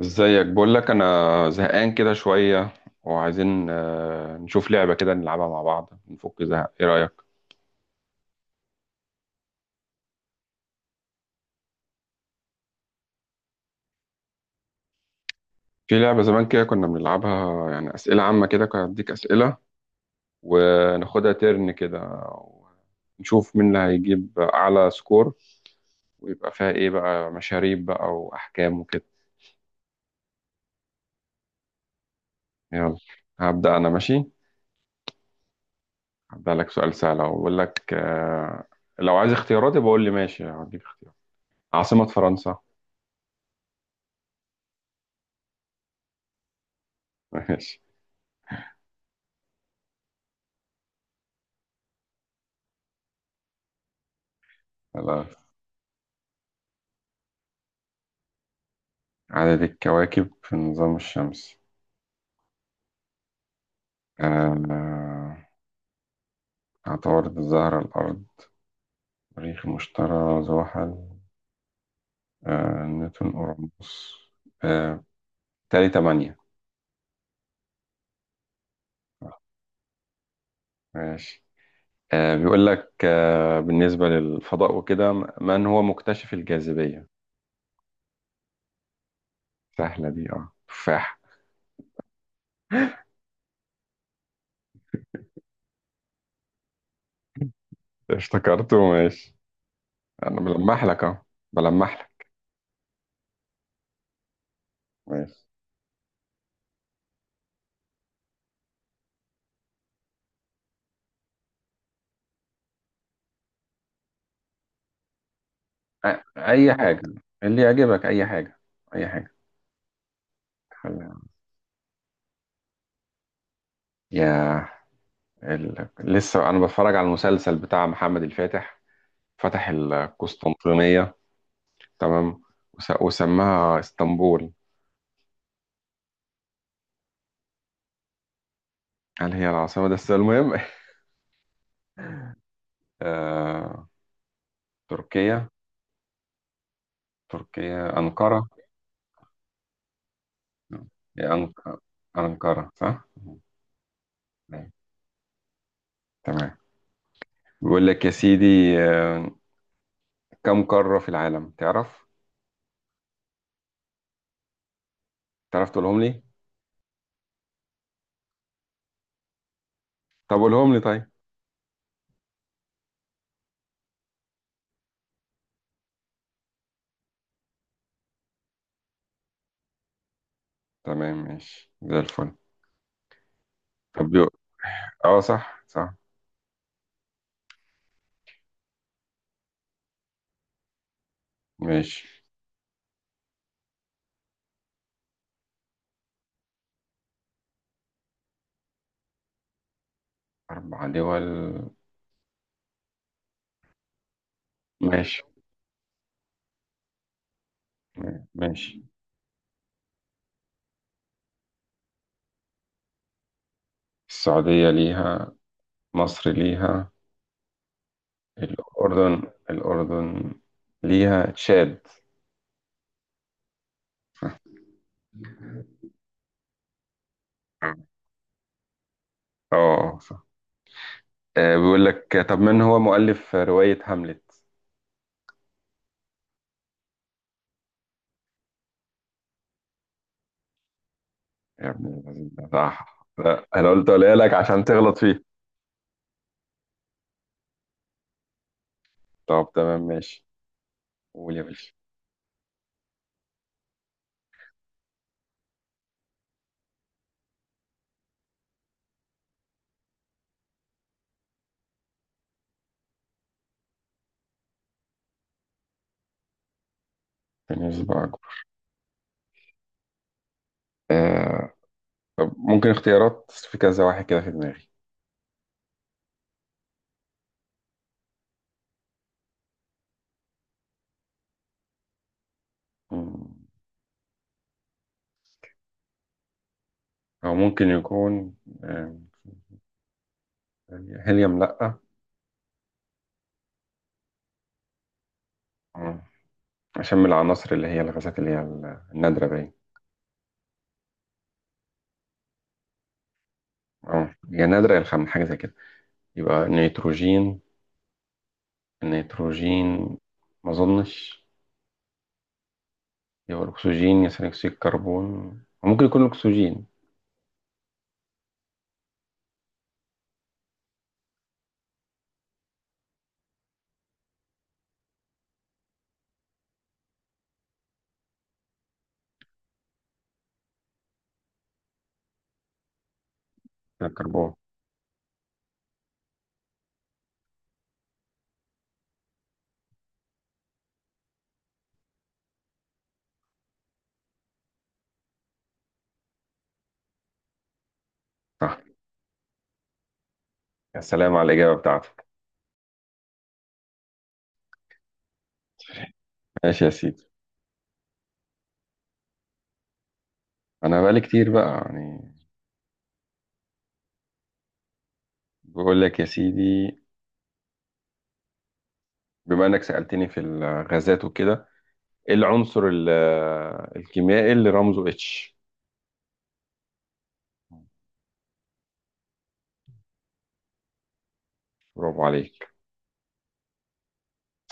ازيك؟ بقول لك انا زهقان كده شويه، وعايزين نشوف لعبه كده نلعبها مع بعض نفك زهق. ايه رايك؟ في لعبه زمان كده كنا بنلعبها، يعني اسئله عامه كده، كنت اديك اسئله وناخدها ترن كده، نشوف مين اللي هيجيب اعلى سكور، ويبقى فيها ايه بقى، مشاريب بقى واحكام وكده. يلا هبدا انا، ماشي. هبدا لك سؤال سهل أهو. بقول لك لو عايز اختياراتي بقول لي ماشي هديك اختيار. عاصمه فرنسا. ماشي. عدد الكواكب في النظام الشمسي؟ آه، عطارد، الزهرة، الأرض، مريخ، المشتري، زحل، نيوتن، أورانوس، آه، تالي تمانية. ماشي. بيقول لك بالنسبة للفضاء وكده، من هو مكتشف الجاذبية؟ سهلة دي، اه تفاح. افتكرته، ماشي. أنا بلمح لك اه، بلمح لك ماشي. أي حاجة اللي يعجبك، أي حاجة، أي حاجة خليها. يا ال... لسه انا بتفرج على المسلسل بتاع محمد الفاتح، فتح القسطنطينية. تمام. وس... وسماها اسطنبول. هل هي العاصمة ده السؤال المهم؟ آه... تركيا، أنقرة. هي أنق... أنقرة صح؟ أيوة. تمام. بيقول لك يا سيدي، آه... كم قارة في العالم تعرف؟ تعرف تقولهم لي؟ طب قولهم لي طيب. تمام، ماشي زي الفل. طب يو- اه صح صح. ماشي. أربع دول؟ ماشي، ماشي. السعودية ليها، مصر ليها. الأردن ليها، تشاد. اه صح. بيقول لك، طب من هو مؤلف رواية هاملت؟ يا ابن الذين، ده صح؟ لا انا قلت اقولها لك عشان تغلط فيه. طب تمام، ماشي. قول يا باشا. كان يسبقك. آه. طب ممكن اختيارات؟ في كذا واحد كده في دماغي. مم. او ممكن يكون آه، هيليوم لا، عشان من العناصر اللي هي الغازات اللي هي النادرة باين. اه هي نادرة يا الخام، حاجة زي كده. يبقى نيتروجين، النيتروجين ما أظنش. يبقى الأكسجين يا ثاني أكسيد الكربون، ممكن يكون الأكسجين. الكربون. صح. يا سلام على الإجابة بتاعتك. ماشي يا سيدي. أنا بقالي كتير بقى يعني. بقول لك يا سيدي، بما إنك سألتني في الغازات وكده، إيه العنصر الكيميائي اللي رمزه اتش؟ برافو عليك.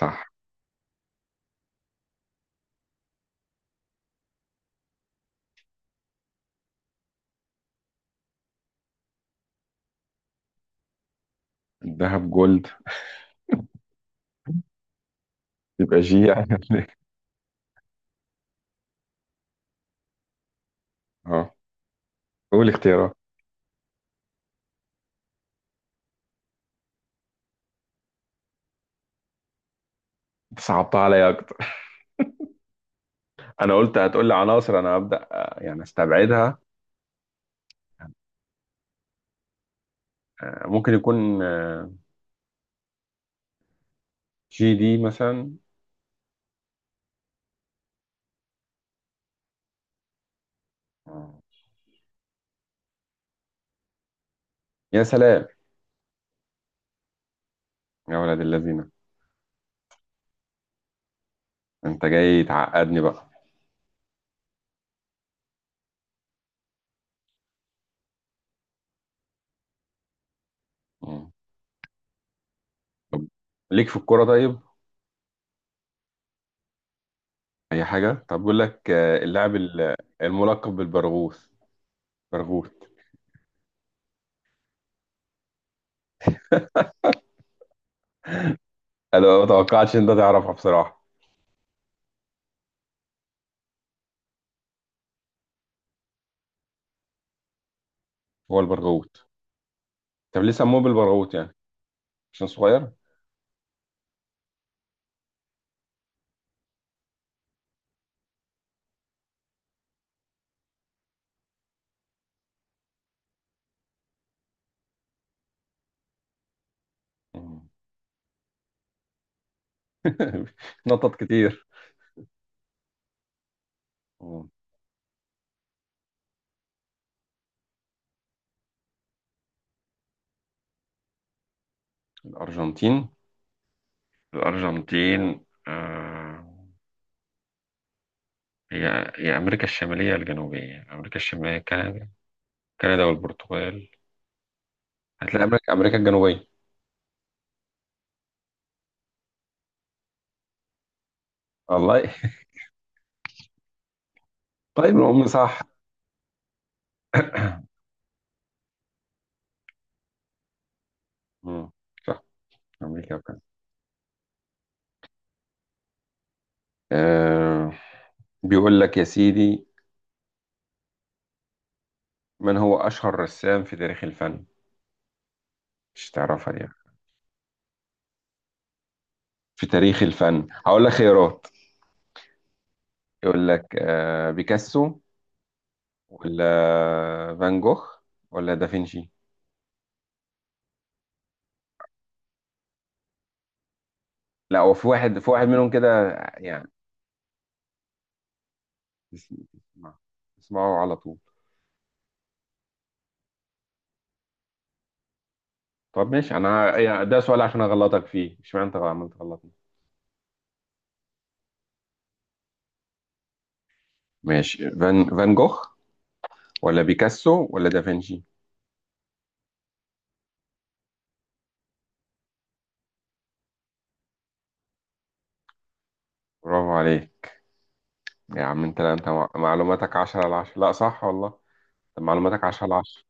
صح. الذهب جولد، يبقى جي يعني. قول اختيارات. انت صعبتها عليا اكتر. انا قلت هتقول لي عناصر، انا هبدا يعني استبعدها. آه، ممكن يكون آه، جي دي مثلا. آه، يا سلام. يا ولد الذين، انت جاي تعقدني بقى. مم. طب ليك في الكوره طيب؟ اي حاجه. طب بقول لك آه، اللاعب الملقب بالبرغوث، برغوت. انا ما توقعتش ان ده تعرفها بصراحه. هو البرغوت. طب ليه سموه بالبرغوت يعني؟ عشان صغير. مم. نطط كتير. مم. الارجنتين. آه، هي أمريكا الشمالية يا الجنوبية؟ أمريكا الشمالية، كندا، والبرتغال. هتلاقي أمريكا الجنوبية. والله. طيب الأم صح. مم. صح، أمريكا وكندا. آه، بيقول لك يا سيدي، من هو أشهر رسام في تاريخ الفن؟ مش تعرفها دي. في تاريخ الفن. هقول لك خيارات، يقول لك آه بيكاسو، ولا فان جوخ، ولا دافنشي. لا هو في واحد، منهم كده يعني. اسمع، اسمعه على طول. طب ماشي، انا يعني ده سؤال عشان اغلطك فيه، مش معنى انت عملت غلطني. ماشي. فان جوخ ولا بيكاسو ولا دافنشي؟ برافو عليك يا عم. انت، لا انت، معلوماتك 10 على 10. لا صح والله. طب معلوماتك 10 على 10.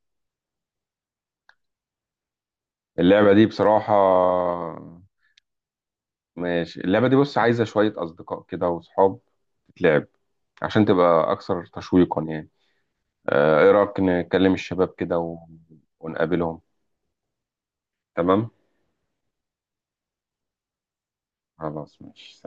اللعبة دي بصراحة، ماشي، اللعبة دي بص عايزة شوية أصدقاء كده وصحاب تتلعب، عشان تبقى أكثر تشويقا يعني. آه، إيه رأيك نكلم الشباب كده و... ونقابلهم؟ تمام. خلاص ماشي.